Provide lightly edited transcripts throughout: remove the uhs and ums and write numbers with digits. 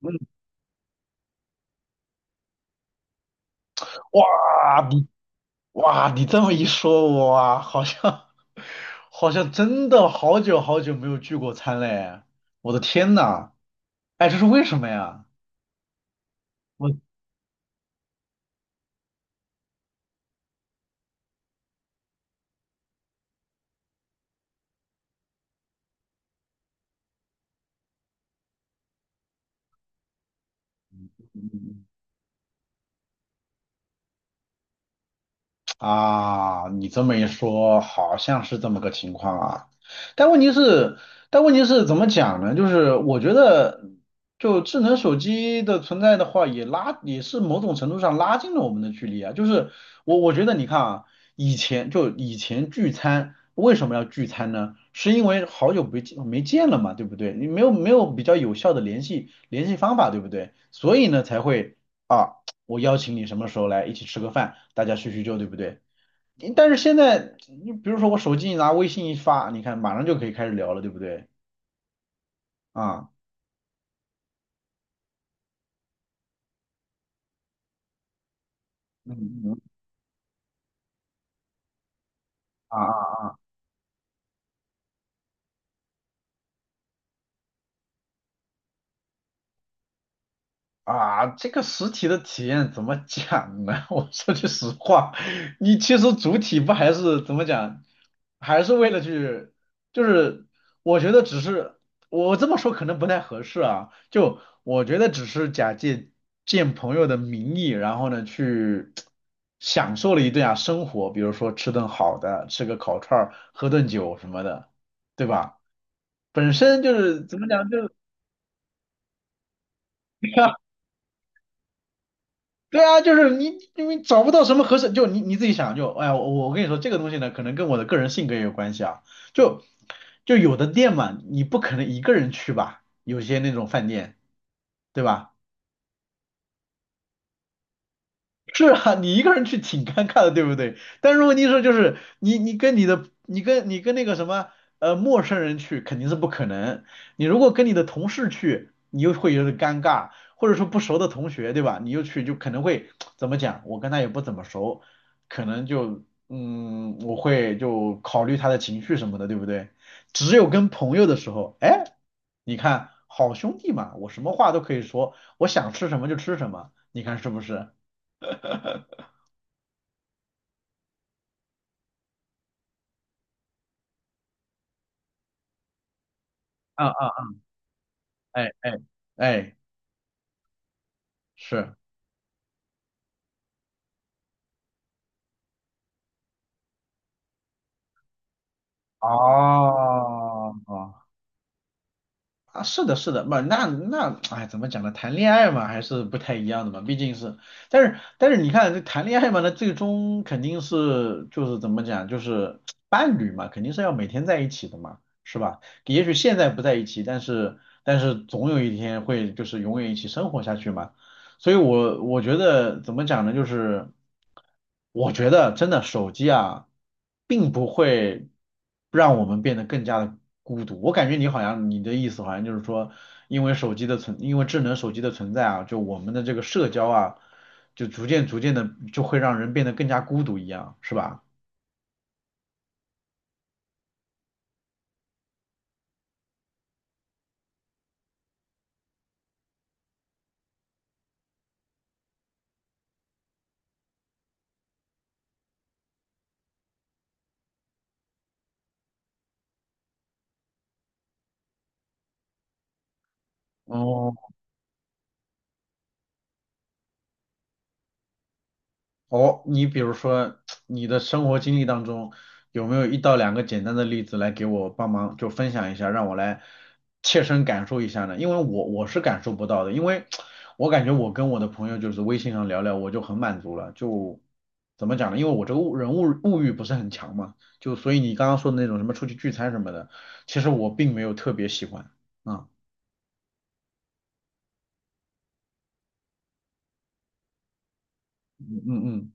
嗯，哇，哇，你这么一说，我好像 好像真的好久好久没有聚过餐嘞！我的天呐，哎，这是为什么呀？我。啊，你这么一说，好像是这么个情况啊。但问题是，但问题是怎么讲呢？就是我觉得，就智能手机的存在的话，也是某种程度上拉近了我们的距离啊。就是我觉得你看啊，以前聚餐为什么要聚餐呢？是因为好久不见没见了嘛，对不对？你没有比较有效的联系方法，对不对？所以呢才会。啊。我邀请你什么时候来一起吃个饭，大家叙叙旧，对不对？但是现在，你比如说我手机一拿，微信一发，你看马上就可以开始聊了，对不对？啊，嗯嗯啊。啊，这个实体的体验怎么讲呢？我说句实话，你其实主体不还是怎么讲，还是为了去，就是我觉得只是我这么说可能不太合适啊，就我觉得只是假借见朋友的名义，然后呢去享受了一顿啊生活，比如说吃顿好的，吃个烤串儿，喝顿酒什么的，对吧？本身就是怎么讲，就是 对啊，就是你，因为找不到什么合适，就你自己想，就哎呀，我跟你说，这个东西呢，可能跟我的个人性格也有关系啊。就就有的店嘛，你不可能一个人去吧，有些那种饭店，对吧？是啊，你一个人去挺尴尬的，对不对？但是问题是，就是你你跟你的你跟你跟那个什么陌生人去肯定是不可能。你如果跟你的同事去，你又会有点尴尬，或者说不熟的同学，对吧？你又去就可能会 怎么讲？我跟他也不怎么熟，可能就我会就考虑他的情绪什么的，对不对？只有跟朋友的时候，哎，你看好兄弟嘛，我什么话都可以说，我想吃什么就吃什么，你看是不是？啊啊哎哎哎，是哦啊，是的，是的，不，那，哎，怎么讲呢？谈恋爱嘛，还是不太一样的嘛，毕竟是，但是你看，这谈恋爱嘛，那最终肯定是就是怎么讲，就是伴侣嘛，肯定是要每天在一起的嘛，是吧？也许现在不在一起，但是总有一天会就是永远一起生活下去嘛。所以我觉得怎么讲呢，就是我觉得真的手机啊，并不会让我们变得更加的孤独。我感觉你好像你的意思好像就是说，因为智能手机的存在啊，就我们的这个社交啊，就逐渐逐渐的就会让人变得更加孤独一样，是吧？哦，哦，你比如说你的生活经历当中，有没有1到2个简单的例子来给我帮忙就分享一下，让我来切身感受一下呢？因为我是感受不到的，因为我感觉我跟我的朋友就是微信上聊聊，我就很满足了，就怎么讲呢？因为我这个物人物物欲不是很强嘛，就所以你刚刚说的那种什么出去聚餐什么的，其实我并没有特别喜欢。啊，嗯嗯嗯，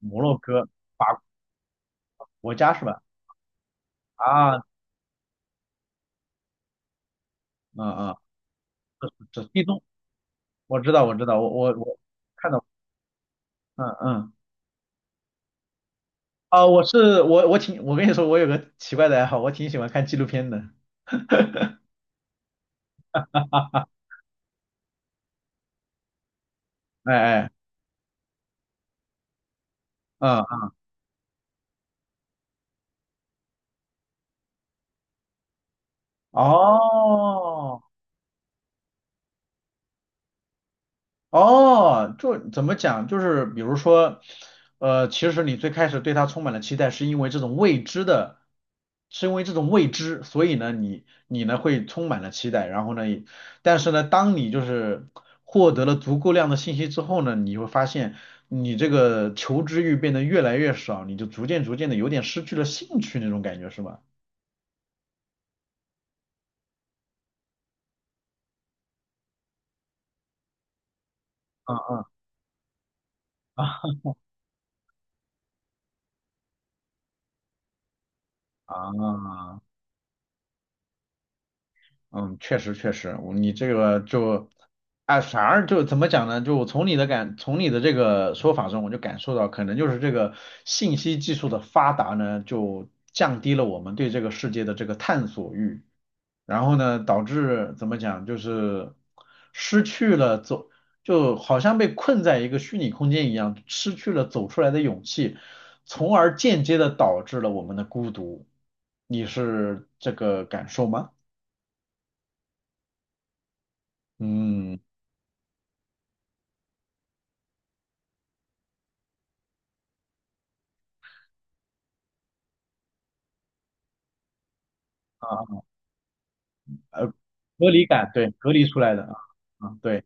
摩洛哥，法国家是吧？啊，啊啊，这地中。我知道，我知道，我看到，嗯嗯，啊，我挺，我跟你说，我有个奇怪的爱好，我挺喜欢看纪录片的，哎哎，嗯，嗯哦，哦，就怎么讲？就是比如说，其实你最开始对它充满了期待，是因为这种未知的，是因为这种未知，所以呢，你呢会充满了期待，然后呢也但是呢，当你就是获得了足够量的信息之后呢，你会发现你这个求知欲变得越来越少，你就逐渐逐渐的有点失去了兴趣那种感觉，是吧？嗯嗯啊啊。嗯，确实确实，我你这个就，啊，反而就怎么讲呢？就我从你的感，从你的这个说法中，我就感受到，可能就是这个信息技术的发达呢，就降低了我们对这个世界的这个探索欲，然后呢，导致怎么讲，就是失去了走，就好像被困在一个虚拟空间一样，失去了走出来的勇气，从而间接的导致了我们的孤独。你是这个感受吗？嗯。啊，呃，隔离感，对，隔离出来的啊，啊，对，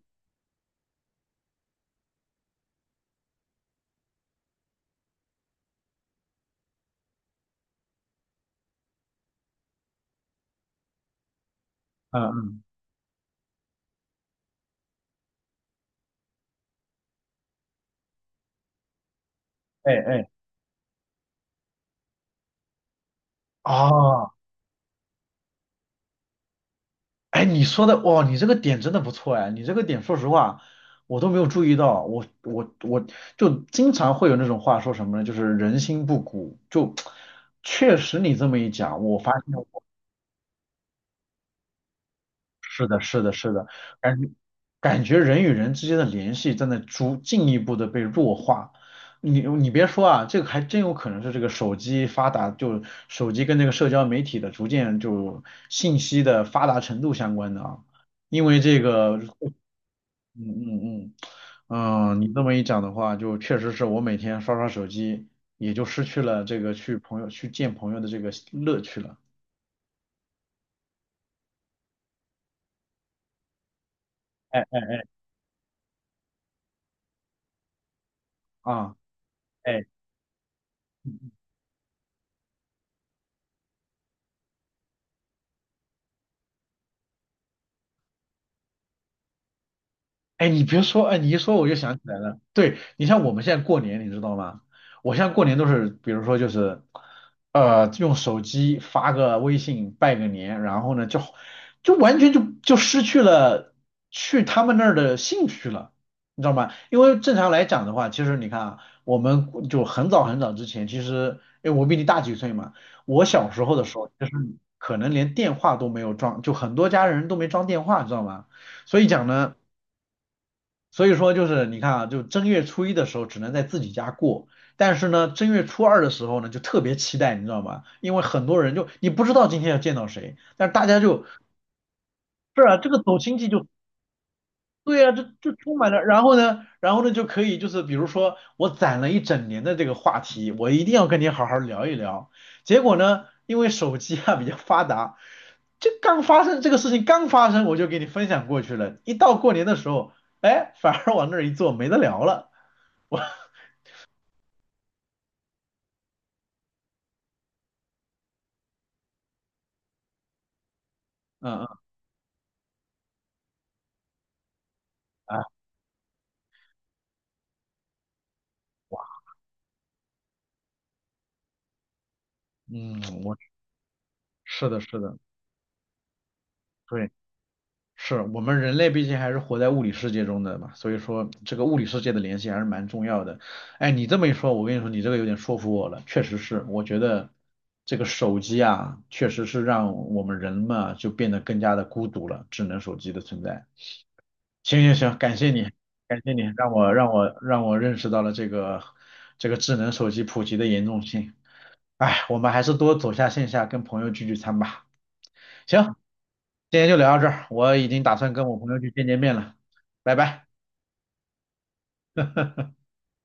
嗯嗯，哎哎，哦，哎，你说的，哇，你这个点真的不错哎，你这个点，说实话，我都没有注意到，我就经常会有那种话说什么呢，就是人心不古，就确实你这么一讲，我发现。是的，是的，是的，感觉感觉人与人之间的联系正在逐进一步的被弱化。你别说啊，这个还真有可能是这个手机发达，就手机跟这个社交媒体的逐渐就信息的发达程度相关的啊。因为这个，嗯嗯嗯嗯，你这么一讲的话，就确实是我每天刷刷手机，也就失去了这个去见朋友的这个乐趣了。哎哎啊，哎。哎，你别说，哎，你一说我就想起来了。对，你像我们现在过年，你知道吗？我现在过年都是，比如说就是，用手机发个微信拜个年，然后呢，就完全就失去了去他们那儿的兴趣了，你知道吗？因为正常来讲的话，其实你看啊，我们就很早很早之前，其实，哎，我比你大几岁嘛，我小时候的时候，就是可能连电话都没有装，就很多家人都没装电话，知道吗？所以讲呢。所以说就是你看啊，就正月初一的时候只能在自己家过，但是呢，正月初二的时候呢，就特别期待，你知道吗？因为很多人就你不知道今天要见到谁，但是大家就是啊，这个走亲戚就对啊，就充满了，然后呢就可以就是比如说我攒了一整年的这个话题，我一定要跟你好好聊一聊。结果呢，因为手机啊比较发达，这个事情刚发生，我就给你分享过去了，一到过年的时候，哎，反而往那儿一坐没得聊了。我嗯嗯，啊嗯，我是的，是的，对，是我们人类毕竟还是活在物理世界中的嘛，所以说这个物理世界的联系还是蛮重要的。哎，你这么一说，我跟你说，你这个有点说服我了，确实是，我觉得这个手机啊，确实是让我们人嘛就变得更加的孤独了，智能手机的存在。行行行，感谢你，感谢你，让我认识到了这个智能手机普及的严重性。哎，我们还是多走下线下，跟朋友聚聚餐吧。行，今天就聊到这儿，我已经打算跟我朋友去见见面了，拜拜。